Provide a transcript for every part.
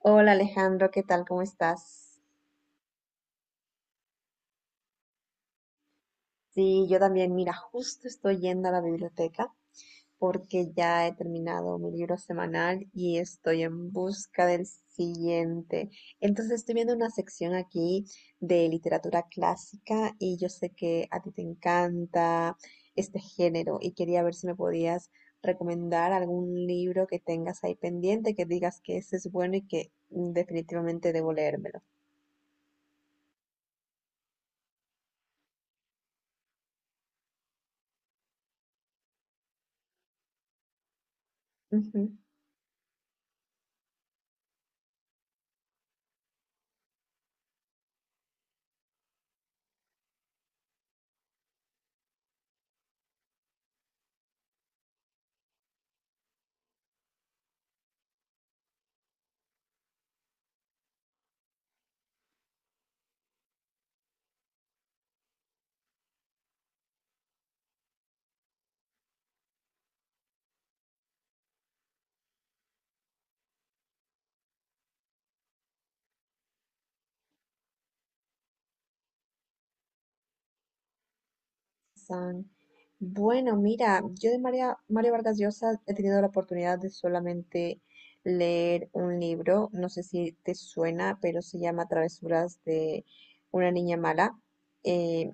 Hola Alejandro, ¿qué tal? ¿Cómo estás? Sí, yo también, mira, justo estoy yendo a la biblioteca porque ya he terminado mi libro semanal y estoy en busca del siguiente. Entonces estoy viendo una sección aquí de literatura clásica y yo sé que a ti te encanta este género y quería ver si me podías recomendar algún libro que tengas ahí pendiente, que digas que ese es bueno y que definitivamente debo leérmelo. San. Bueno, mira, yo de Mario Vargas Llosa he tenido la oportunidad de solamente leer un libro, no sé si te suena, pero se llama Travesuras de una niña mala. Eh,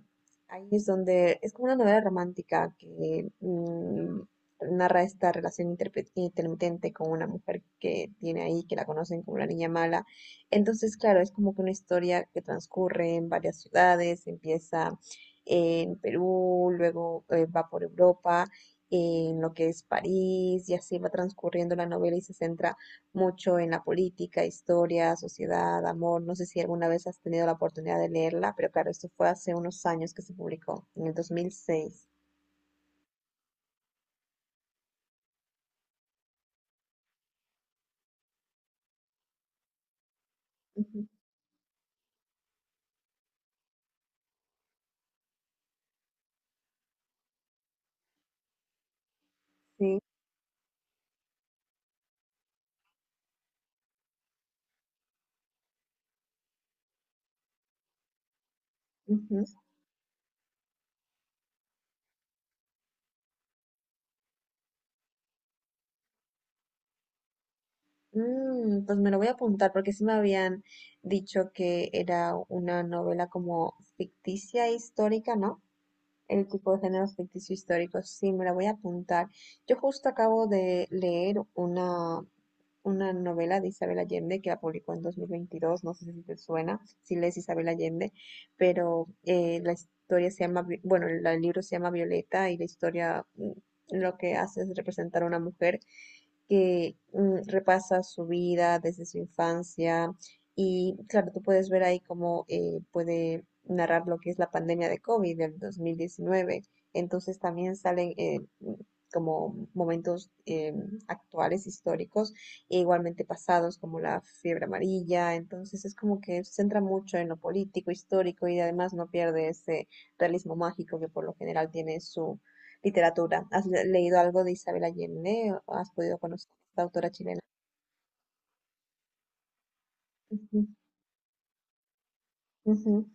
Ahí es donde es como una novela romántica que narra esta relación intermitente con una mujer que tiene ahí, que la conocen como la niña mala. Entonces, claro, es como que una historia que transcurre en varias ciudades, empieza en Perú, luego va por Europa, en lo que es París, y así va transcurriendo la novela y se centra mucho en la política, historia, sociedad, amor. No sé si alguna vez has tenido la oportunidad de leerla, pero claro, esto fue hace unos años que se publicó, en el 2006. Ujú. Sí. Ujú. Pues me lo voy a apuntar porque sí me habían dicho que era una novela como ficticia e histórica, ¿no? El tipo de géneros ficticio históricos. Sí, me la voy a apuntar. Yo justo acabo de leer una novela de Isabel Allende que la publicó en 2022, no sé si te suena, si lees Isabel Allende, pero la historia se llama, bueno, el libro se llama Violeta y la historia lo que hace es representar a una mujer que repasa su vida desde su infancia y claro, tú puedes ver ahí cómo puede narrar lo que es la pandemia de COVID del 2019. Entonces también salen como momentos actuales, históricos, e igualmente pasados, como la fiebre amarilla. Entonces es como que se centra mucho en lo político, histórico y además no pierde ese realismo mágico que por lo general tiene su literatura. ¿Has leído algo de Isabel Allende? ¿Has podido conocer a esta autora chilena? Ujú, ujú,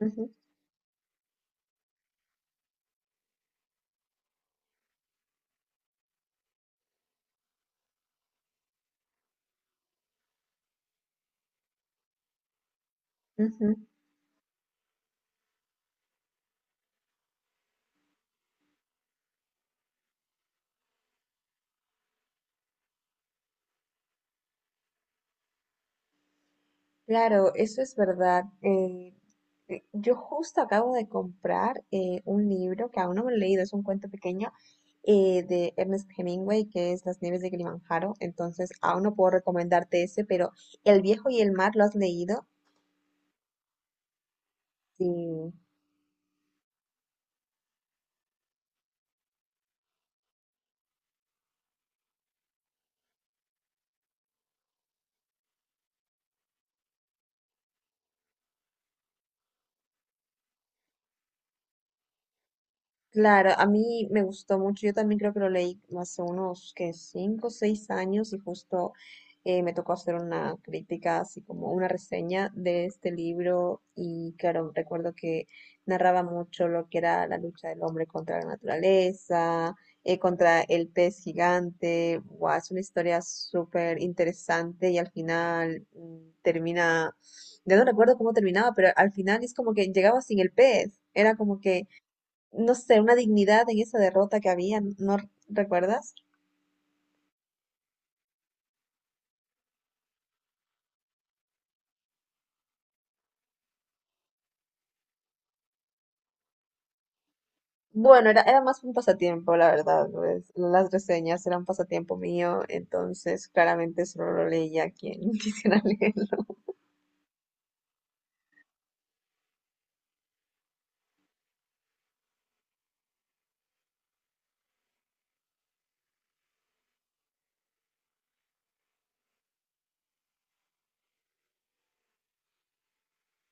ujú, ujú. Claro, eso es verdad. Yo justo acabo de comprar un libro que aún no me lo he leído, es un cuento pequeño de Ernest Hemingway, que es Las nieves de Kilimanjaro. Entonces, aún no puedo recomendarte ese, pero El viejo y el mar, ¿lo has leído? Sí. Claro, a mí me gustó mucho. Yo también creo que lo leí hace unos que cinco o seis años y justo me tocó hacer una crítica, así como una reseña de este libro. Y claro, recuerdo que narraba mucho lo que era la lucha del hombre contra la naturaleza, contra el pez gigante. Guau, es una historia súper interesante y al final termina, ya no recuerdo cómo terminaba, pero al final es como que llegaba sin el pez. Era como que no sé, una dignidad en esa derrota que había, ¿no recuerdas? Bueno, era más un pasatiempo, la verdad. Pues, las reseñas eran pasatiempo mío, entonces claramente solo lo leía quien quisiera leer.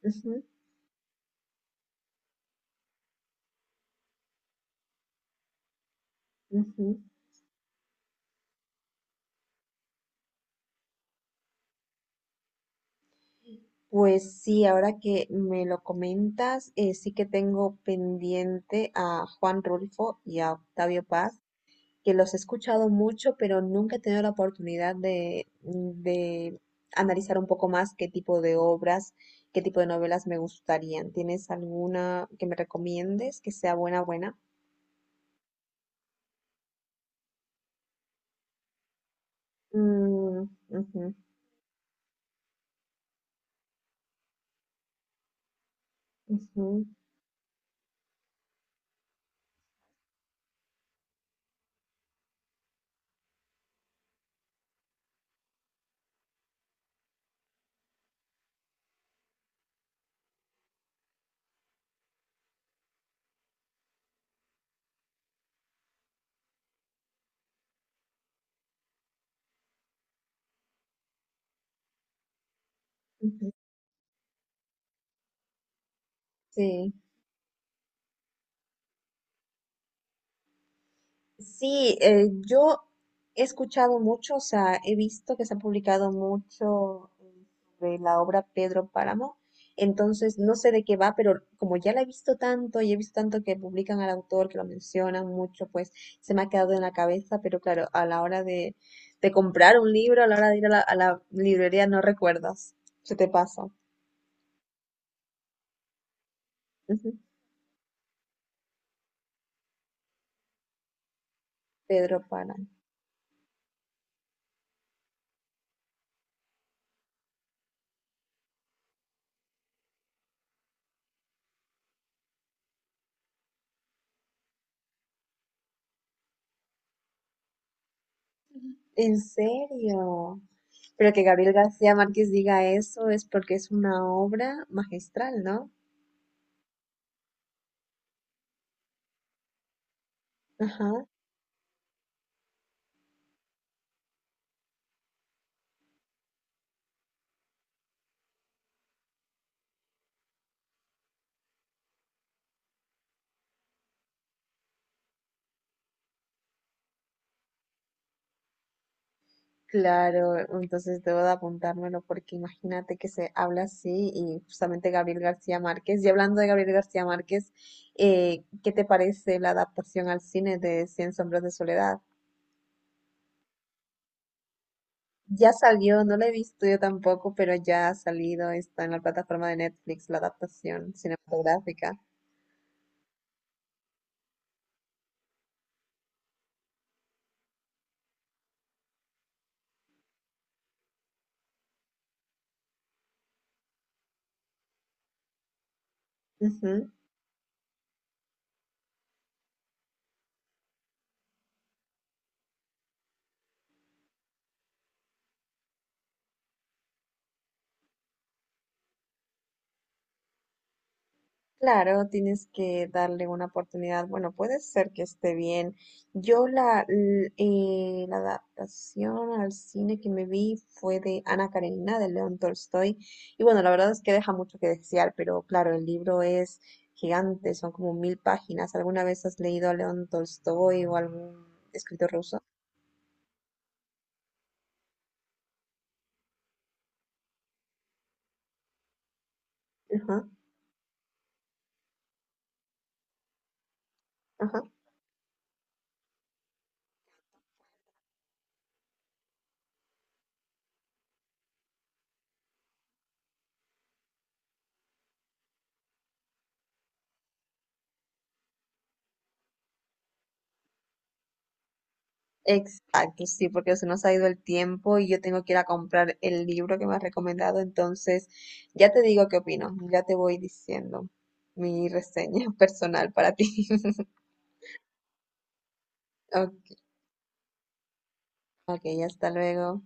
Ujú, ujú. Pues sí, ahora que me lo comentas, sí que tengo pendiente a Juan Rulfo y a Octavio Paz. Que los he escuchado mucho, pero nunca he tenido la oportunidad de, de analizar un poco más qué tipo de obras, qué tipo de novelas me gustarían. ¿Tienes alguna que me recomiendes que sea buena, buena? Mm, ujú, ujú, ujú. Sí. Sí, yo he escuchado mucho, o sea, he visto que se ha publicado mucho de la obra Pedro Páramo, entonces no sé de qué va, pero como ya la he visto tanto y he visto tanto que publican al autor, que lo mencionan mucho, pues se me ha quedado en la cabeza, pero claro, a la hora de comprar un libro, a la hora de ir a a la librería no recuerdas, se te pasa. Ujú, Pedro Páramo. ¿En serio? Pero que Gabriel García Márquez diga eso es porque es una obra magistral, ¿no? Ajá. Claro, entonces debo de apuntármelo porque imagínate que se habla así y justamente Gabriel García Márquez. Y hablando de Gabriel García Márquez, ¿qué te parece la adaptación al cine de Cien Sombras de Soledad? Ya salió, no la he visto yo tampoco, pero ya ha salido, está en la plataforma de Netflix, la adaptación cinematográfica. Claro, tienes que darle una oportunidad. Bueno, puede ser que esté bien. Yo la adaptación al cine que me vi fue de Ana Karenina, de León Tolstoy. Y bueno, la verdad es que deja mucho que desear, pero claro, el libro es gigante, son como 1000 páginas. ¿Alguna vez has leído a León Tolstoy o algún escritor ruso? Ajá, ajá. Exacto, sí, porque se nos ha ido el tiempo y yo tengo que ir a comprar el libro que me has recomendado, entonces ya te digo qué opino, ya te voy diciendo mi reseña personal para ti. Ok, ok, hasta luego.